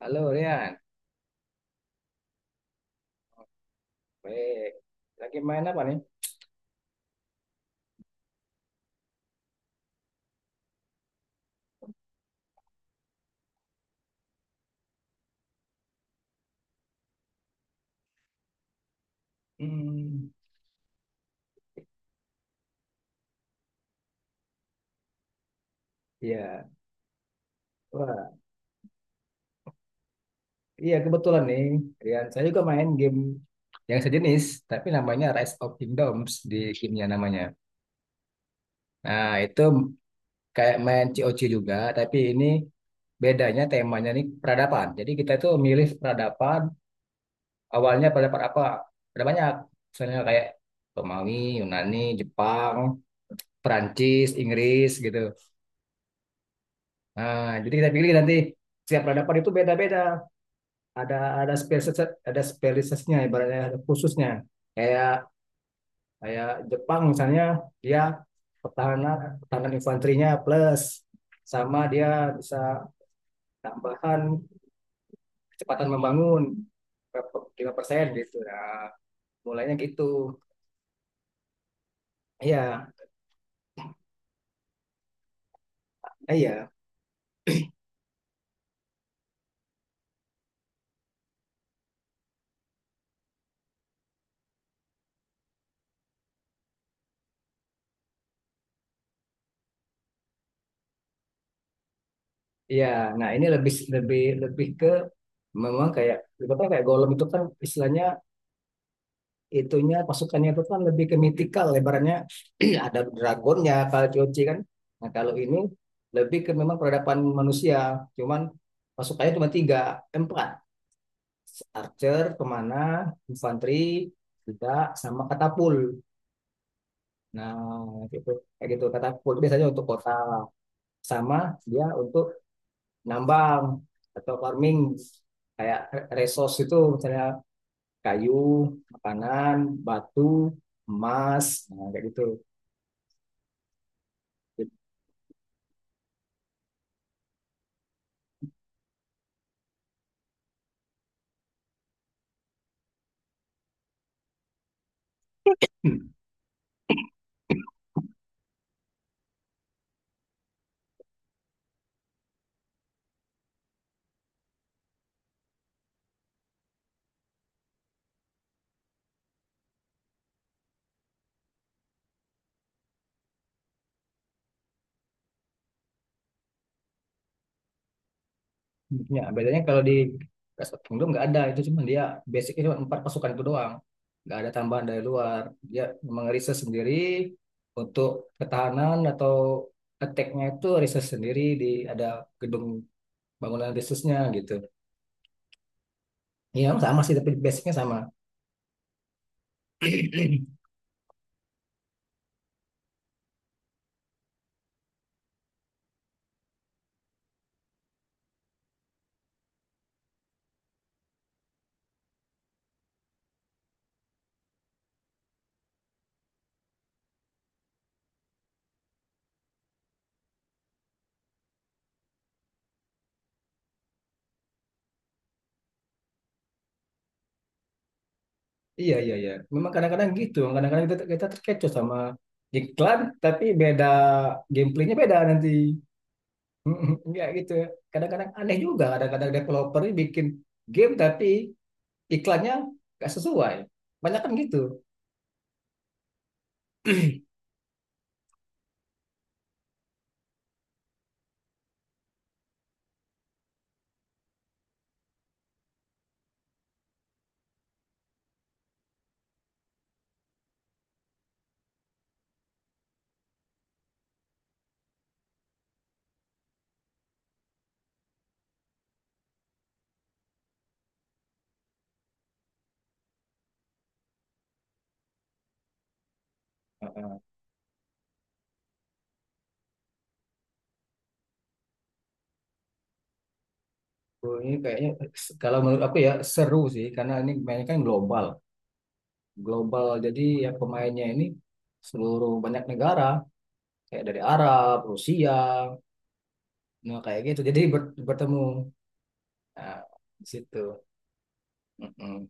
Halo Rian, baik. Lagi main apa nih? Hmm, iya. Wah, iya kebetulan nih, Rian. Saya juga main game yang sejenis, tapi namanya Rise of Kingdoms di gamenya namanya. Nah, itu kayak main C O C juga, tapi ini bedanya temanya nih peradaban. Jadi kita itu milih peradaban, awalnya peradaban apa? Ada banyak, misalnya kayak Romawi, Yunani, Jepang, Perancis, Inggris gitu. Nah, jadi kita pilih nanti setiap peradaban itu beda-beda. Ada ada spesies spesiesnya ibaratnya ada khususnya, kayak kayak Jepang misalnya, dia pertahanan pertahanan infanterinya plus, sama dia bisa tambahan kecepatan membangun lima persen gitu. Nah, mulainya gitu. Iya. Iya, iya. Nah, ini lebih lebih lebih ke memang kayak ibaratnya kayak golem itu kan istilahnya itunya pasukannya itu kan lebih ke mythical lebarannya. Ada dragonnya kalau Chochi kan. Nah, kalau ini lebih ke memang peradaban manusia, cuman pasukannya cuma tiga, eh, empat. Archer kemana, infanteri, tidak sama katapul. Nah, gitu. Kayak gitu katapul biasanya untuk kota, sama dia untuk nambang atau farming, kayak resource itu misalnya kayu, makanan, batu, emas. Nah, kayak gitu. Ya, bedanya kalau di United Kingdom nggak ada itu, cuma dia basicnya cuma empat pasukan itu doang, nggak ada tambahan dari luar. Dia memang riset sendiri untuk ketahanan atau attack-nya itu riset sendiri di, ada gedung bangunan risetnya gitu. Iya, sama sih tapi basicnya sama. Iya, iya, iya, memang kadang-kadang gitu, kadang-kadang kita kita terkecoh sama iklan, tapi beda, gameplaynya beda nanti. Ya gitu. Ya. Kadang-kadang aneh juga, kadang-kadang developer ini bikin game tapi iklannya nggak sesuai. Banyak kan gitu. Heeh. Oh, ini kayaknya, kalau menurut aku ya seru sih karena ini mainnya kan global. Global, jadi ya pemainnya ini seluruh banyak negara, kayak dari Arab, Rusia, nah kayak gitu. Jadi bertemu, nah, di situ. Mm-mm.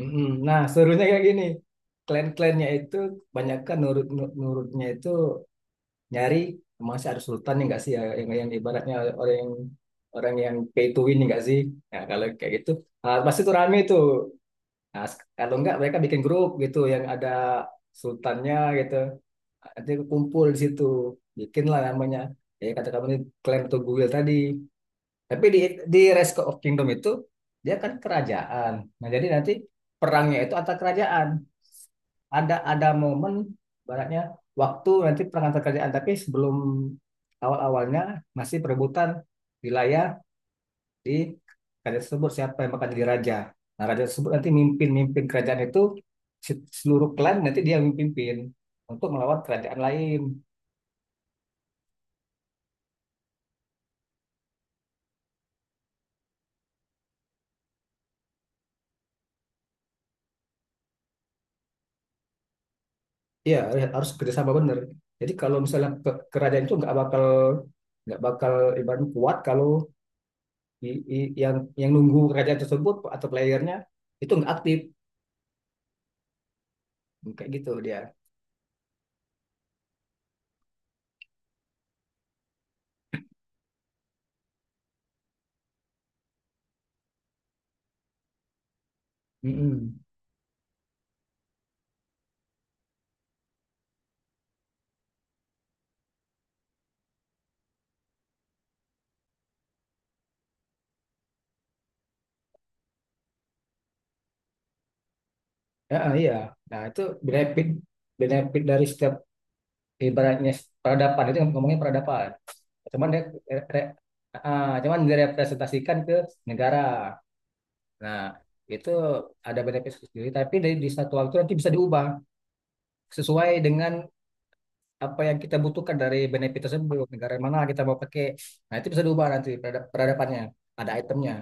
Mm-mm. Nah, serunya kayak gini. Klan-klannya itu kebanyakan nurut, nurutnya itu nyari, masih ada sultan nih nggak sih ya, yang ibaratnya orang yang, orang yang pay to win nih nggak sih. Nah, kalau kayak gitu, ah, pasti tuh rame tuh. Nah, kalau nggak mereka bikin grup gitu yang ada sultannya gitu, nanti kumpul di situ, bikinlah namanya, ya kata kamu ini klaim Tuguyel tadi, tapi di, di Rise of Kingdom itu dia kan kerajaan. Nah, jadi nanti perangnya itu antar kerajaan. Ada momen baratnya waktu nanti perang antar kerajaan, tapi sebelum awal-awalnya masih perebutan wilayah di kerajaan tersebut siapa yang bakal jadi raja. Nah, raja tersebut nanti mimpin-mimpin kerajaan itu, seluruh klan nanti dia yang untuk melawan kerajaan lain. Iya, harus kerjasama bener. Jadi kalau misalnya kerajaan itu nggak bakal ibaratnya kuat kalau i- i- yang yang nunggu kerajaan tersebut atau playernya itu nggak aktif, kayak gitu dia. Mm-mm. Ya, iya. Nah itu benefit, benefit dari setiap ibaratnya peradaban itu, ngomongnya peradaban. Cuman dia re- re- cuman direpresentasikan ke negara. Nah itu ada benefit sendiri, tapi dari di satu waktu nanti bisa diubah sesuai dengan apa yang kita butuhkan dari benefit tersebut, negara yang mana kita mau pakai. Nah, itu bisa diubah nanti peradabannya, ada itemnya.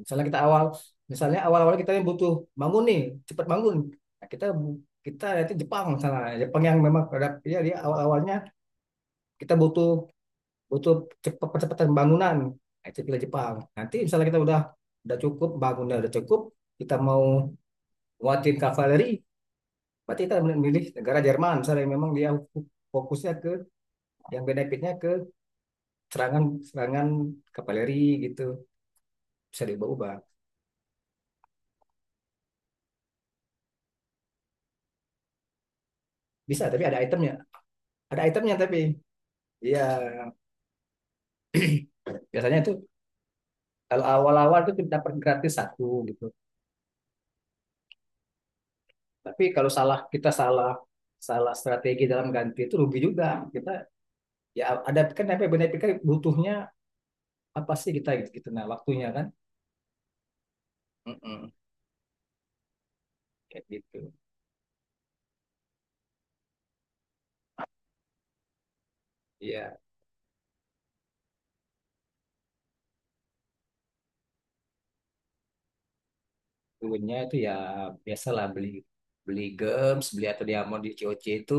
Misalnya kita awal, misalnya awal-awal kita yang butuh bangun nih, cepat bangun. Nah, kita nanti Jepang misalnya, Jepang yang memang peradap ya, dia awal-awalnya kita butuh, butuh cepat percepatan bangunan. Nah, itu pilih Jepang. Nanti misalnya kita udah cukup, bangunnya udah cukup, kita mau nguatin kavaleri, berarti kita memilih negara Jerman misalnya yang memang dia fokusnya ke, yang benefitnya ke serangan, serangan kavaleri gitu, bisa diubah-ubah. Bisa, tapi ada itemnya. Ada itemnya, tapi iya biasanya itu, kalau awal-awal itu kita dapat gratis satu gitu, tapi kalau salah, kita salah salah strategi dalam ganti itu rugi juga kita. Ya ada kan, tapi benar-benar kan butuhnya apa sih kita gitu, gitu. Nah waktunya kan, Mm-mm. Kayak gitu. Iya, dulunya itu ya biasalah beli, beli gems, beli atau diamond di COC itu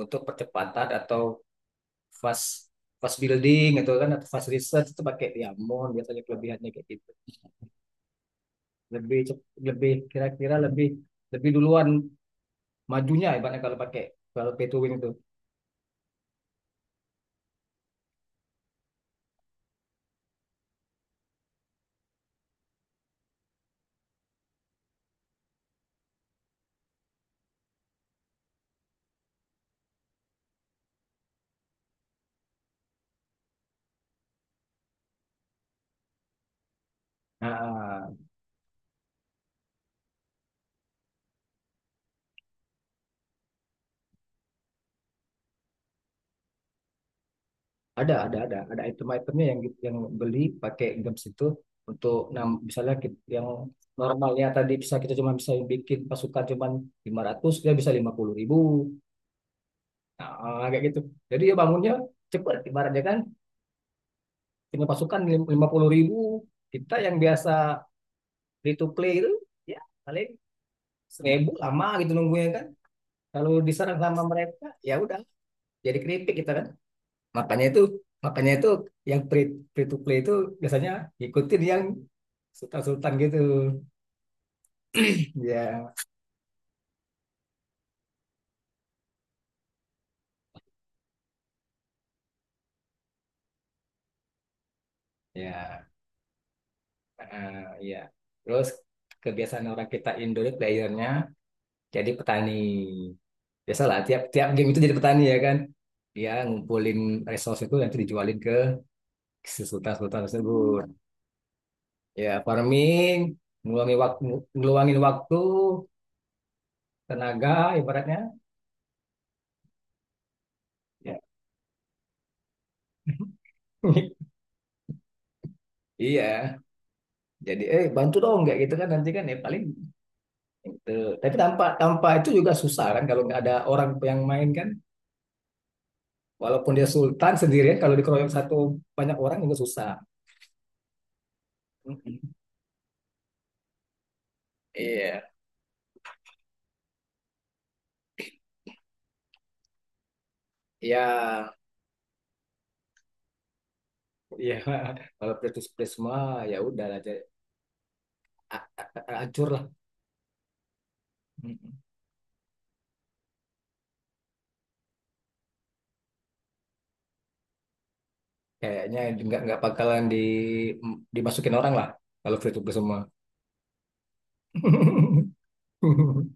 untuk percepatan atau fast fast building gitu kan, atau fast research itu pakai Diamond biasanya, kelebihannya kayak gitu. Lebih kira-kira lebih, lebih duluan majunya ibaratnya kalau pakai, kalau pay to win itu. Nah, ada ada item-itemnya yang beli pakai games itu untuk, nah, misalnya yang normalnya tadi bisa kita cuma bisa bikin pasukan cuman lima ratus, dia bisa lima puluh ribu. Nah, kayak gitu. Jadi ya bangunnya cepet ibaratnya kan, punya pasukan lima puluh ribu. Kita yang biasa free to play itu ya paling seribu, lama gitu nunggunya kan, kalau diserang sama mereka ya udah, jadi keripik kita kan. Makanya itu makanya itu yang free, free to play itu biasanya ikutin yang sultan-sultan gitu. Ya. Ya, ya. Terus kebiasaan orang kita Indo itu playernya jadi petani, biasalah tiap tiap game itu jadi petani ya kan, dia ngumpulin resource itu nanti dijualin ke si sultan-sultan tersebut. Ya, farming, ngeluangin waktu, ngeluangin waktu, tenaga ibaratnya. Ya. Iya, jadi bantu dong kayak gitu kan, nanti kan ya paling gitu. Tapi tanpa tanpa itu juga susah kan kalau nggak ada orang yang main kan. Walaupun dia sultan sendirian, kalau dikeroyok satu banyak orang juga susah. Mm-mm. Iya, iya, iya. Kalau Pritus Prisma ya udah aja, acur lah. Mm-mm. Kayaknya nggak bakalan dimasukin orang lah kalau Pritus Prisma.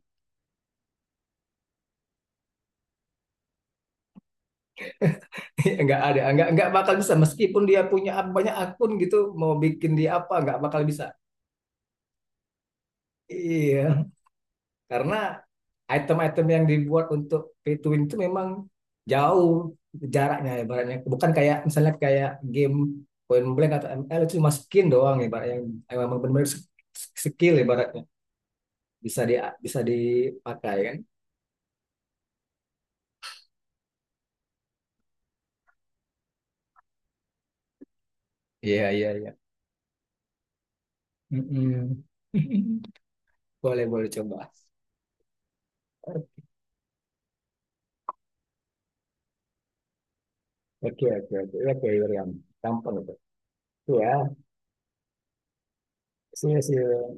Nggak ada, nggak bakal bisa, meskipun dia punya banyak akun gitu mau bikin, dia apa nggak bakal bisa. Iya, karena item-item yang dibuat untuk pay to win itu memang jauh jaraknya ibaratnya. Bukan kayak misalnya kayak game Point Blank atau ML itu cuma skin doang ibaratnya, yang memang benar-benar skill ibaratnya bisa di, bisa dipakai kan. Iya, iya, iya. Mm-mm. Boleh, boleh coba. Ok, ok, ok, ok, Adrián. Tan pronto. Tú, ah, Sí, sí,